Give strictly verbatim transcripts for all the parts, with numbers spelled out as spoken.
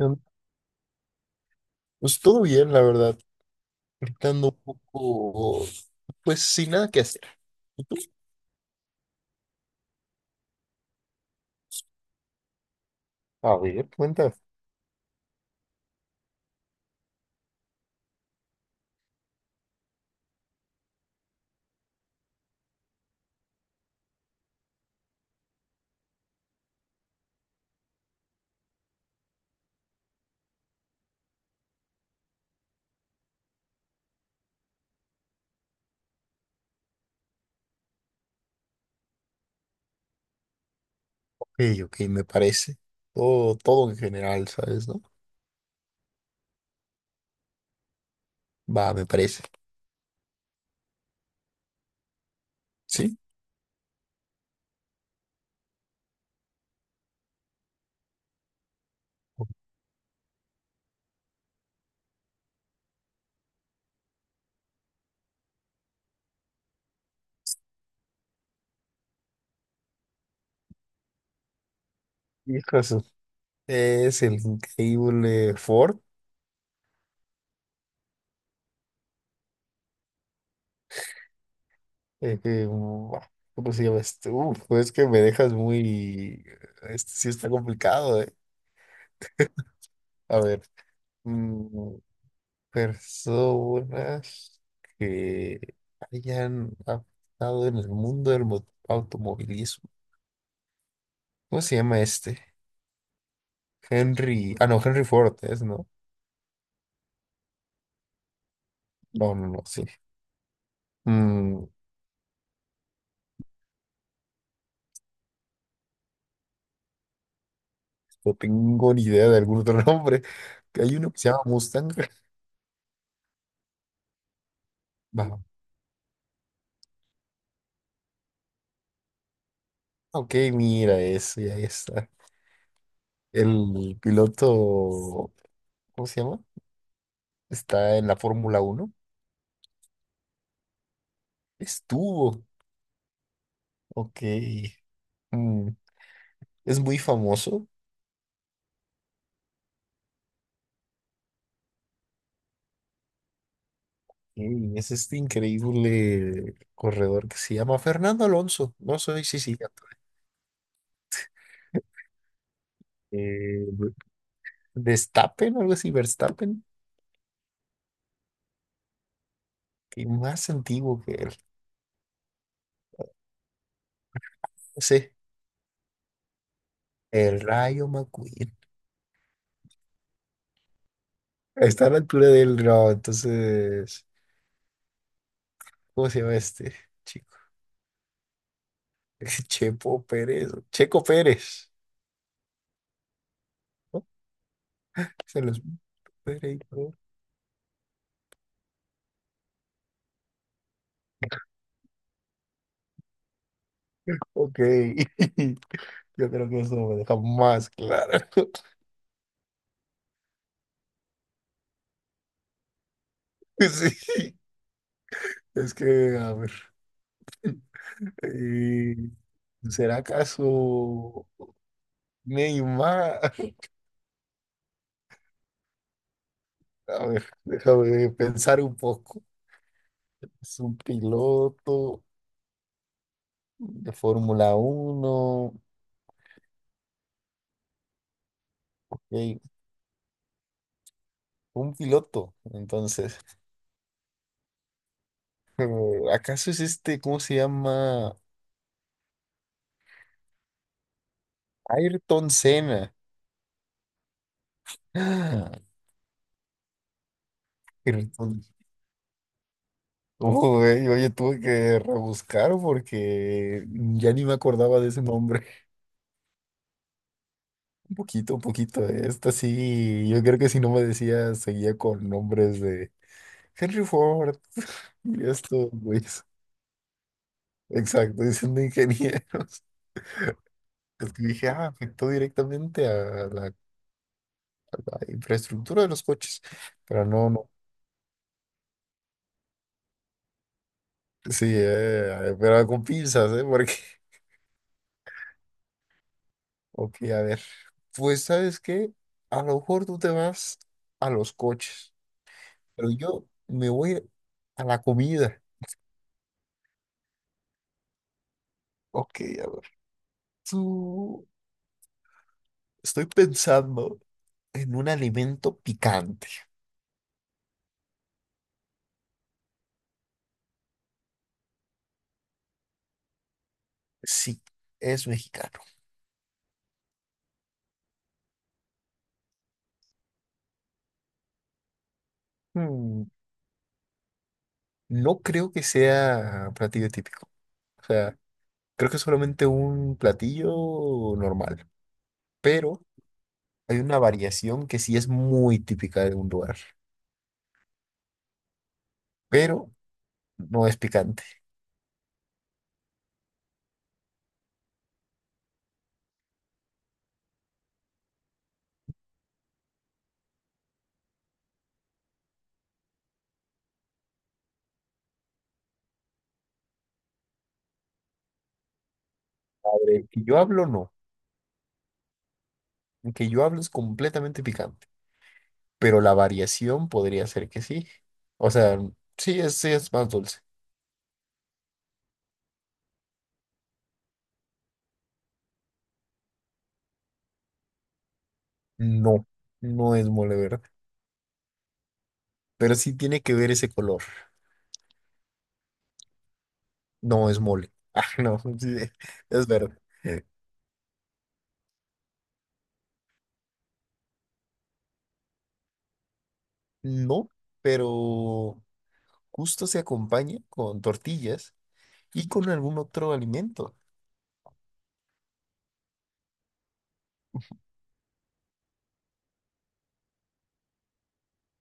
Em, Pues todo bien, la verdad. Estando un poco, pues sin nada que hacer. ¿Y tú? A ver, cuenta. Ok, ok, me parece. Todo, todo en general, ¿sabes, no? Va, me parece. ¿Sí? Hijo de su- Es el increíble Ford. Eh, que, buah, ¿cómo se llama este? Uf, pues que me dejas muy... Este sí está complicado, ¿eh? A ver. mm, Personas que hayan estado en el mundo del mo- automovilismo. ¿Cómo se llama este? Henry. Ah, no, Henry Ford es, ¿no? No, no, no, sí. Mm, no tengo ni idea de algún otro nombre. Que hay uno que se llama Mustang. Va. Ok, mira eso, y ahí está. El piloto, ¿cómo se llama? Está en la Fórmula Uno. Estuvo. Ok. Mm, Es muy famoso. Y es este increíble corredor que se llama Fernando Alonso. No sé si sí, eh, Verstappen, algo así, Verstappen, que más antiguo que él. No sé, el Rayo McQueen. Está a la altura del no, entonces, ¿cómo se llama este chico? Chepo Pérez, Checo Pérez, ¿no? Se los Pérez, ¿no? Ok, yo creo que eso me deja más claro. Sí, es que, a ver. eh, ¿Será acaso Neymar? A ver, déjame pensar un poco. Es un piloto de Fórmula Uno, ok, un piloto, entonces. Eh, ¿Acaso es este, cómo se llama? Ayrton Senna. Ah, Ayrton. Uy, oye, tuve que rebuscar porque ya ni me acordaba de ese nombre. Un poquito, un poquito. eh, Esta sí, yo creo que si no me decía, seguía con nombres de Henry Ford. Y estos güeyes, exacto, diciendo ingenieros. Es que dije, ah, afectó directamente a la, a la infraestructura de los coches. Pero no, no. Sí, eh, pero con pinzas, ¿eh? Porque, ok, a ver. Pues, ¿sabes qué? A lo mejor tú te vas a los coches, pero yo me voy a la comida. Ok, a ver. Tú, estoy pensando en un alimento picante. Sí, es mexicano. Hmm, no creo que sea platillo típico. O sea, creo que es solamente un platillo normal. Pero hay una variación que sí es muy típica de un lugar. Pero no es picante. El que yo hablo, no. El que yo hablo es completamente picante. Pero la variación podría ser que sí. O sea, sí es, sí es más dulce. No, no es mole verde. Pero sí tiene que ver ese color. No es mole. Ah, no, sí, es verde. No, pero. Justo se acompaña con tortillas y con algún otro alimento.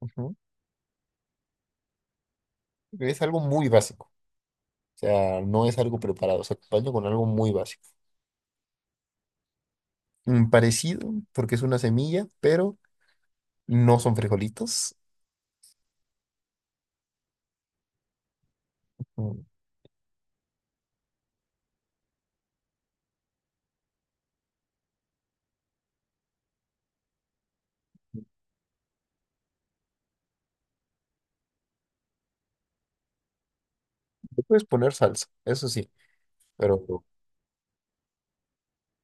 Ujú. Es algo muy básico. O sea, no es algo preparado, se acompaña con algo muy básico. Mm, parecido, porque es una semilla, pero no son frijolitos. Mm, Le puedes poner salsa, eso sí, pero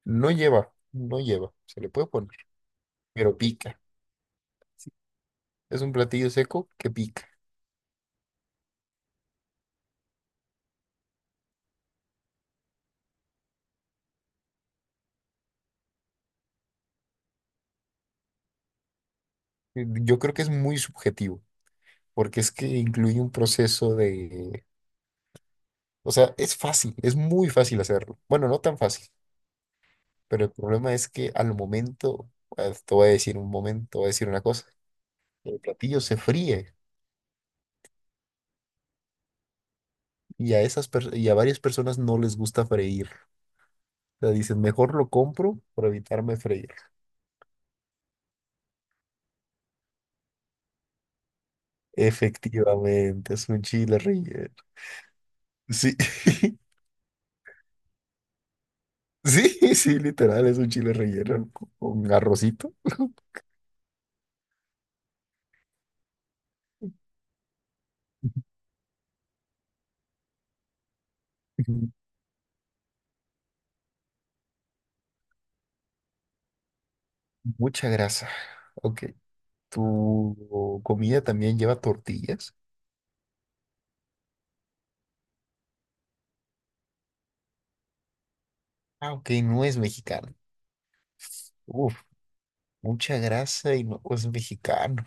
no lleva, no lleva. Se le puede poner, pero pica. Sí, es un platillo seco que pica. Eh, Yo creo que es muy subjetivo, porque es que incluye un proceso de... O sea, es fácil, es muy fácil hacerlo. Bueno, no tan fácil, pero el problema es que al momento, eh, te voy a decir un momento, te voy a decir una cosa, el platillo se fríe y a esas pers- y a varias personas no les gusta freír. O sea, dicen, mejor lo compro por evitarme freír. Efectivamente, es un chile relleno. Sí, sí, sí, literal, es un chile relleno con con arrocito. Ujú. Mucha grasa. Ok, ¿tu comida también lleva tortillas? Ah, ok, no es mexicana. Uf, mucha grasa y no es mexicano.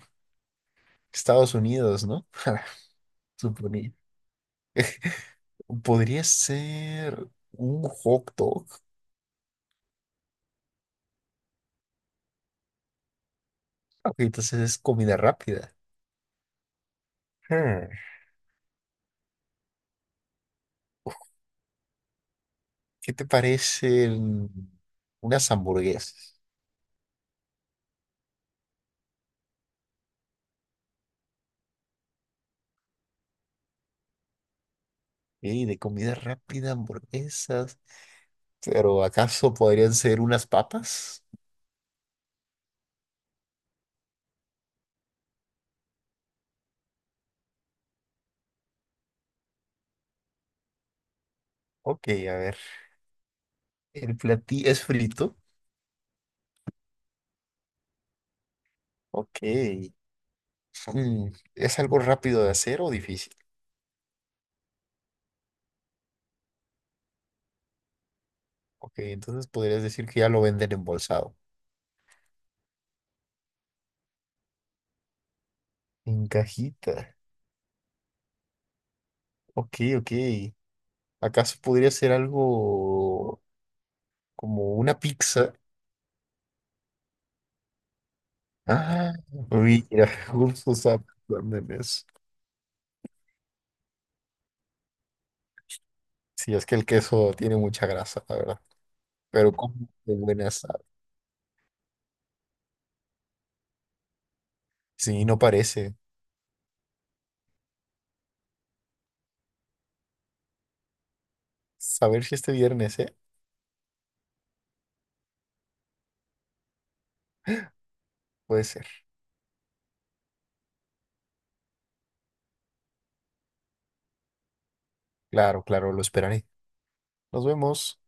Estados Unidos, ¿no? Suponía. Podría ser un hot dog. Ok, entonces es comida rápida. Hmm, ¿qué te parecen unas hamburguesas? Ey, de comida rápida, hamburguesas. Pero ¿acaso podrían ser unas papas? Ok, a ver. ¿El platillo es frito? Ok. Mm, ¿es algo rápido de hacer o difícil? Ok, entonces podrías decir que ya lo venden embolsado. En cajita. Ok, ok. ¿Acaso podría ser algo como una pizza? Ah, mira, justo estaba pensando en eso. Sí, es que el queso tiene mucha grasa, la verdad. Pero cómo de buena sabe. Sí, no parece. A ver si este viernes, ¿eh? Puede ser. Claro, claro, lo esperaré. Nos vemos.